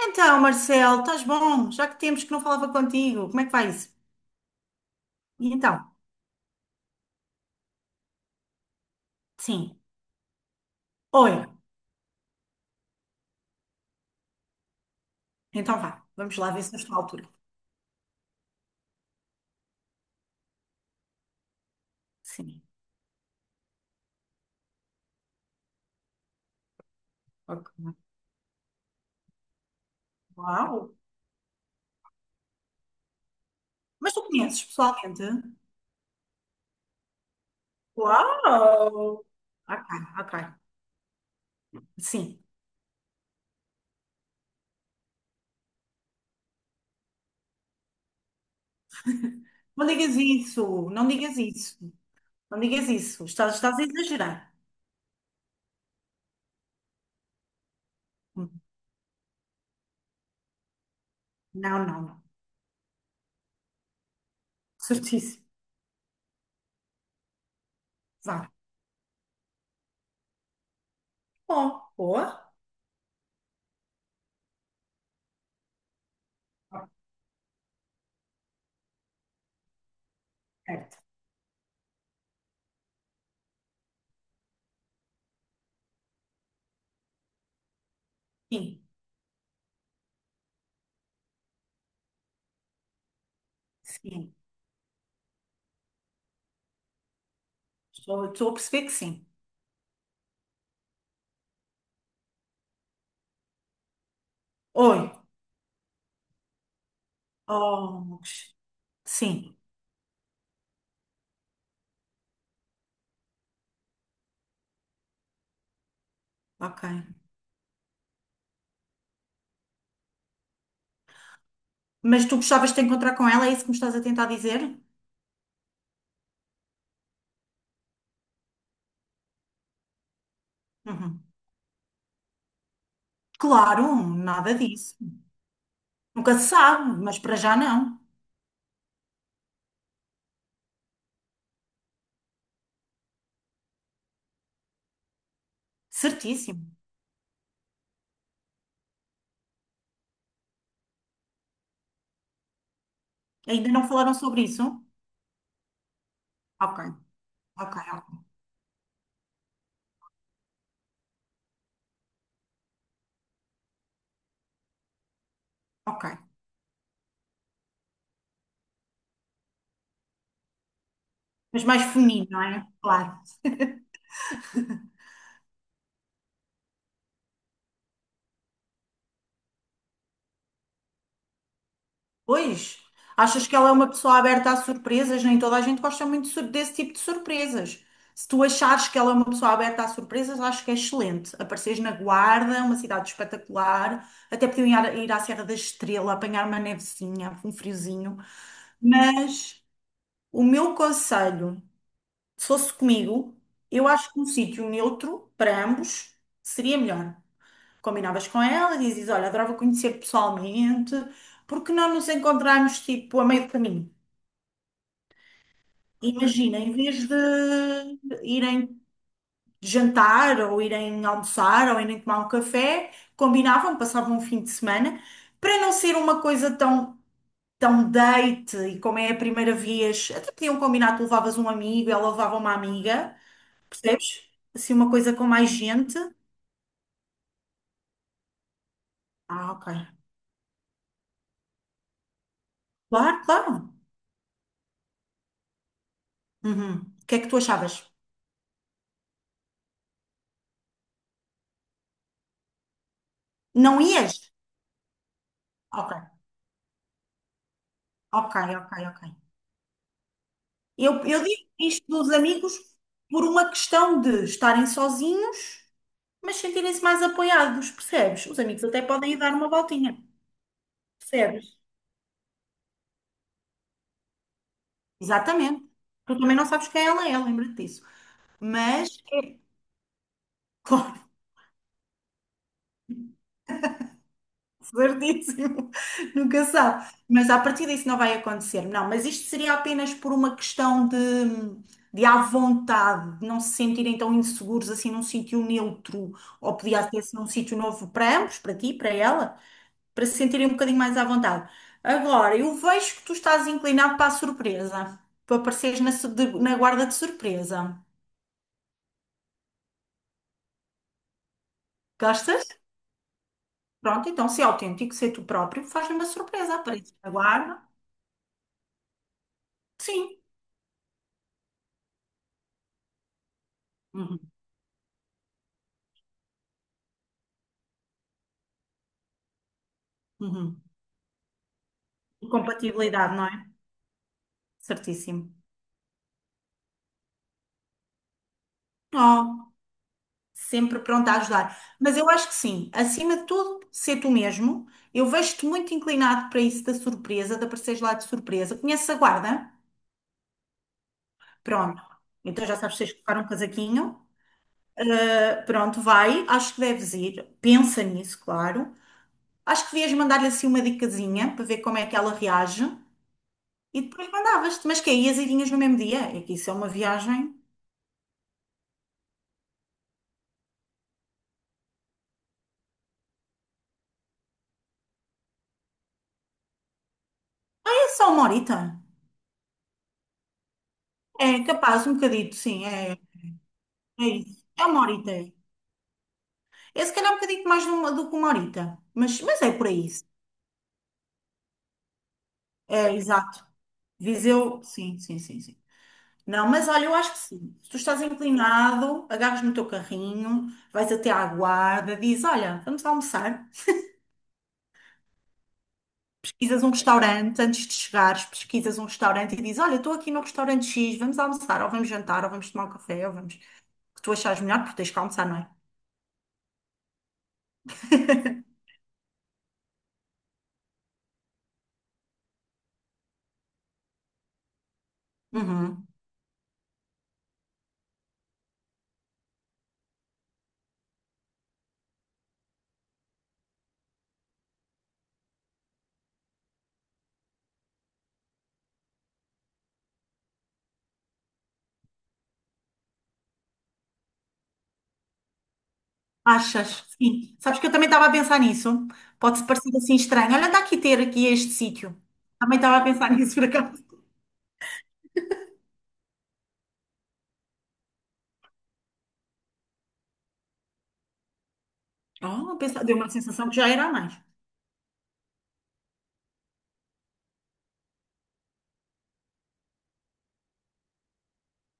Então, Marcelo, estás bom? Já que temos que não falava contigo, como é que vai isso? E então? Sim. Olha, então vá, vamos lá ver se eu estou à altura. Sim. Ok. Uau! Mas tu conheces pessoalmente? Uau! Ok, ok. Sim. Não digas isso, não digas isso, não digas isso. Estás a exagerar. Hum. Não, não, não. Certíssimo. Vá. Bom, boa. Certo. Sim, sim. Estou a perceber que sim. Oi. Oh, que sim, ok. Mas tu gostavas de te encontrar com ela, é isso que me estás a tentar dizer? Uhum. Claro, nada disso. Nunca se sabe, mas para já não. Certíssimo. Ainda não falaram sobre isso? Ok, ok, ok. Ok. Mas mais feminino, não é? Claro. Pois, achas que ela é uma pessoa aberta a surpresas? Nem toda a gente gosta muito de desse tipo de surpresas. Se tu achares que ela é uma pessoa aberta a surpresas, acho que é excelente. Apareceres na Guarda, uma cidade espetacular. Até podiam ir à Serra da Estrela, apanhar uma nevezinha, um friozinho. Mas o meu conselho, se fosse comigo, eu acho que um sítio neutro para ambos seria melhor. Combinavas com ela, dizes, olha, adorava conhecer pessoalmente, porque não nos encontrarmos tipo a meio do caminho? Imagina, em vez de irem jantar ou irem almoçar ou irem tomar um café, combinavam, passavam um fim de semana, para não ser uma coisa tão date, e como é a primeira vez, até podiam combinar, tu levavas um amigo, ela levava uma amiga, percebes? Assim, uma coisa com mais gente. Ah, ok. Claro, claro. Uhum. O que é que tu achavas? Não ias? Ok, ok, ok, ok. Eu digo isto dos amigos por uma questão de estarem sozinhos, mas sentirem-se mais apoiados, percebes? Os amigos até podem ir dar uma voltinha, percebes? Exatamente. Tu também não sabes quem ela é, lembra-te disso. Mas, certíssimo, nunca sabe. Mas a partir disso não vai acontecer. Não, mas isto seria apenas por uma questão de à vontade, de não se sentirem tão inseguros assim num sítio neutro, ou podia até ser assim um sítio novo para ambos, para ti, para ela, para se sentirem um bocadinho mais à vontade. Agora, eu vejo que tu estás inclinado para a surpresa, para apareceres na, na guarda de surpresa. Gostas? Pronto, então, se é autêntico, ser tu próprio, faz-lhe uma surpresa, aparece na guarda. Sim. Uhum. Uhum. Compatibilidade, não é? Certíssimo. Oh, sempre pronta a ajudar. Mas eu acho que sim, acima de tudo, ser tu mesmo. Eu vejo-te muito inclinado para isso da surpresa, de apareceres lá de surpresa. Conheces a guarda? Pronto. Então já sabes, tens que colocar um casaquinho. Pronto, vai. Acho que deves ir. Pensa nisso, claro. Acho que devias mandar-lhe assim uma dicasinha para ver como é que ela reage. E depois mandavas-te. Mas que aí e vinhas no mesmo dia? É que isso é uma viagem. É só uma horita. É capaz, um bocadito, sim. É. É isso. É uma horita. É. É se calhar um bocadinho mais do que uma horita. Mas é por aí. É, exato. Viseu, sim, sim, sim, sim. Não, mas olha, eu acho que sim. Se tu estás inclinado, agarras no teu carrinho, vais até à guarda, dizes, olha, vamos almoçar. Pesquisas um restaurante antes de chegares, pesquisas um restaurante e dizes, olha, estou aqui no restaurante X, vamos almoçar, ou vamos jantar, ou vamos tomar um café, ou vamos... O que tu achares melhor, porque tens que almoçar, não é? Uhum. Achas? Sim. Sabes que eu também estava a pensar nisso. Pode-se parecer assim estranho. Olha, dá aqui ter aqui este sítio. Também estava a pensar nisso por acaso. Oh, deu uma sensação que já era a mais.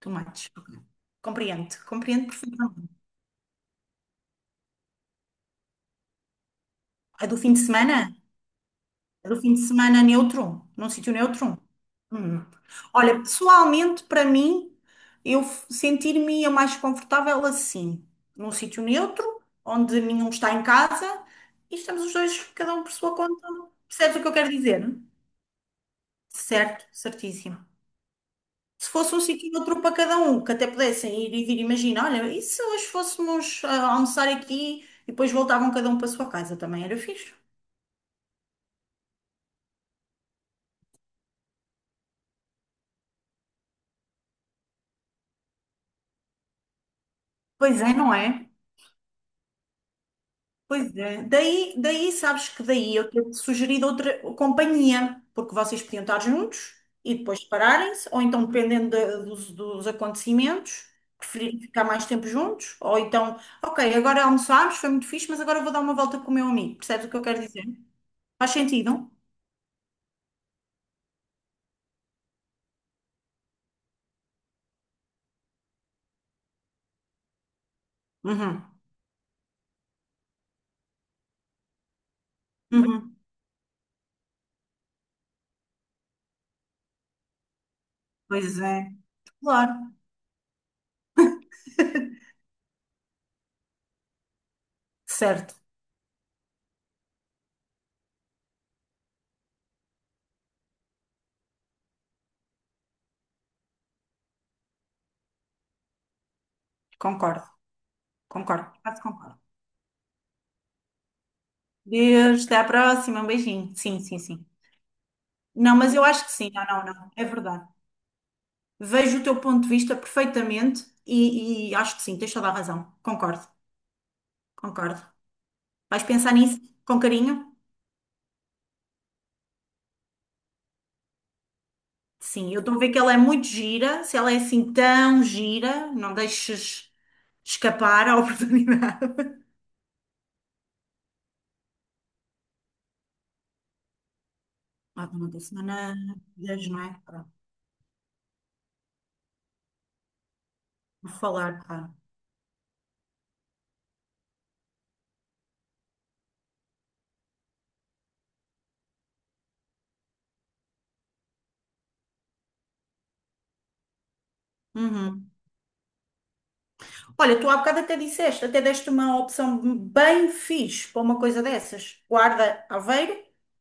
Tomates. Compreendo, compreendo perfeitamente. A do fim de semana? A do fim de semana neutro? Num sítio neutro? Hum. Olha, pessoalmente, para mim, sentir-me a mais confortável assim, num sítio neutro, onde nenhum está em casa e estamos os dois, cada um por sua conta. Percebes o que eu quero dizer? Certo, certíssimo. Se fosse um sítio e outro para cada um, que até pudessem ir e vir, imagina, olha, e se hoje fôssemos almoçar aqui e depois voltavam cada um para a sua casa, também era fixe. Pois é, não é? Pois é. Daí sabes que daí eu ter sugerido outra companhia, porque vocês podiam estar juntos e depois separarem-se, ou então, dependendo dos, dos acontecimentos, preferirem ficar mais tempo juntos, ou então, ok, agora almoçámos, foi muito fixe, mas agora vou dar uma volta com o meu amigo. Percebes o que eu quero dizer? Faz sentido? Uhum, uhum. Pois é, claro. Certo, concordo, quase concordo. Deus, até à próxima, um beijinho. Sim, sim, sim. Não, mas eu acho que sim, não, não, não, é verdade. Vejo o teu ponto de vista perfeitamente e acho que sim, tens toda a razão. Concordo, concordo. Vais pensar nisso com carinho? Sim, eu estou a ver que ela é muito gira, se ela é assim tão gira, não deixes escapar a oportunidade. Ah, uma da semana 10, não é? Pronto, vou falar, claro. Uhum. Olha, tu há bocado até disseste, até deste uma opção bem fixe para uma coisa dessas. Guarda, Aveiro,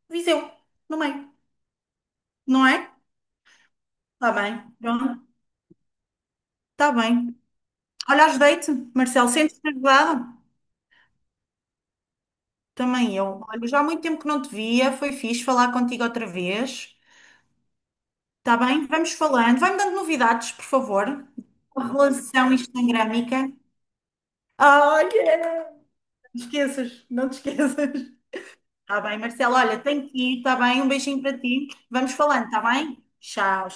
Viseu, no meio, não é? Está bem, pronto, está bem. Olha, ajudei-te, Marcelo, sentes-te ajudado? Também eu. Olha, já há muito tempo que não te via, foi fixe falar contigo outra vez. Está bem? Vamos falando. Vai-me dando novidades, por favor. A relação instagrâmica. Olha, esqueças, não te esqueças. Está bem, Marcelo. Olha, tenho que ir, está bem? Um beijinho para ti. Vamos falando, está bem? Tchau.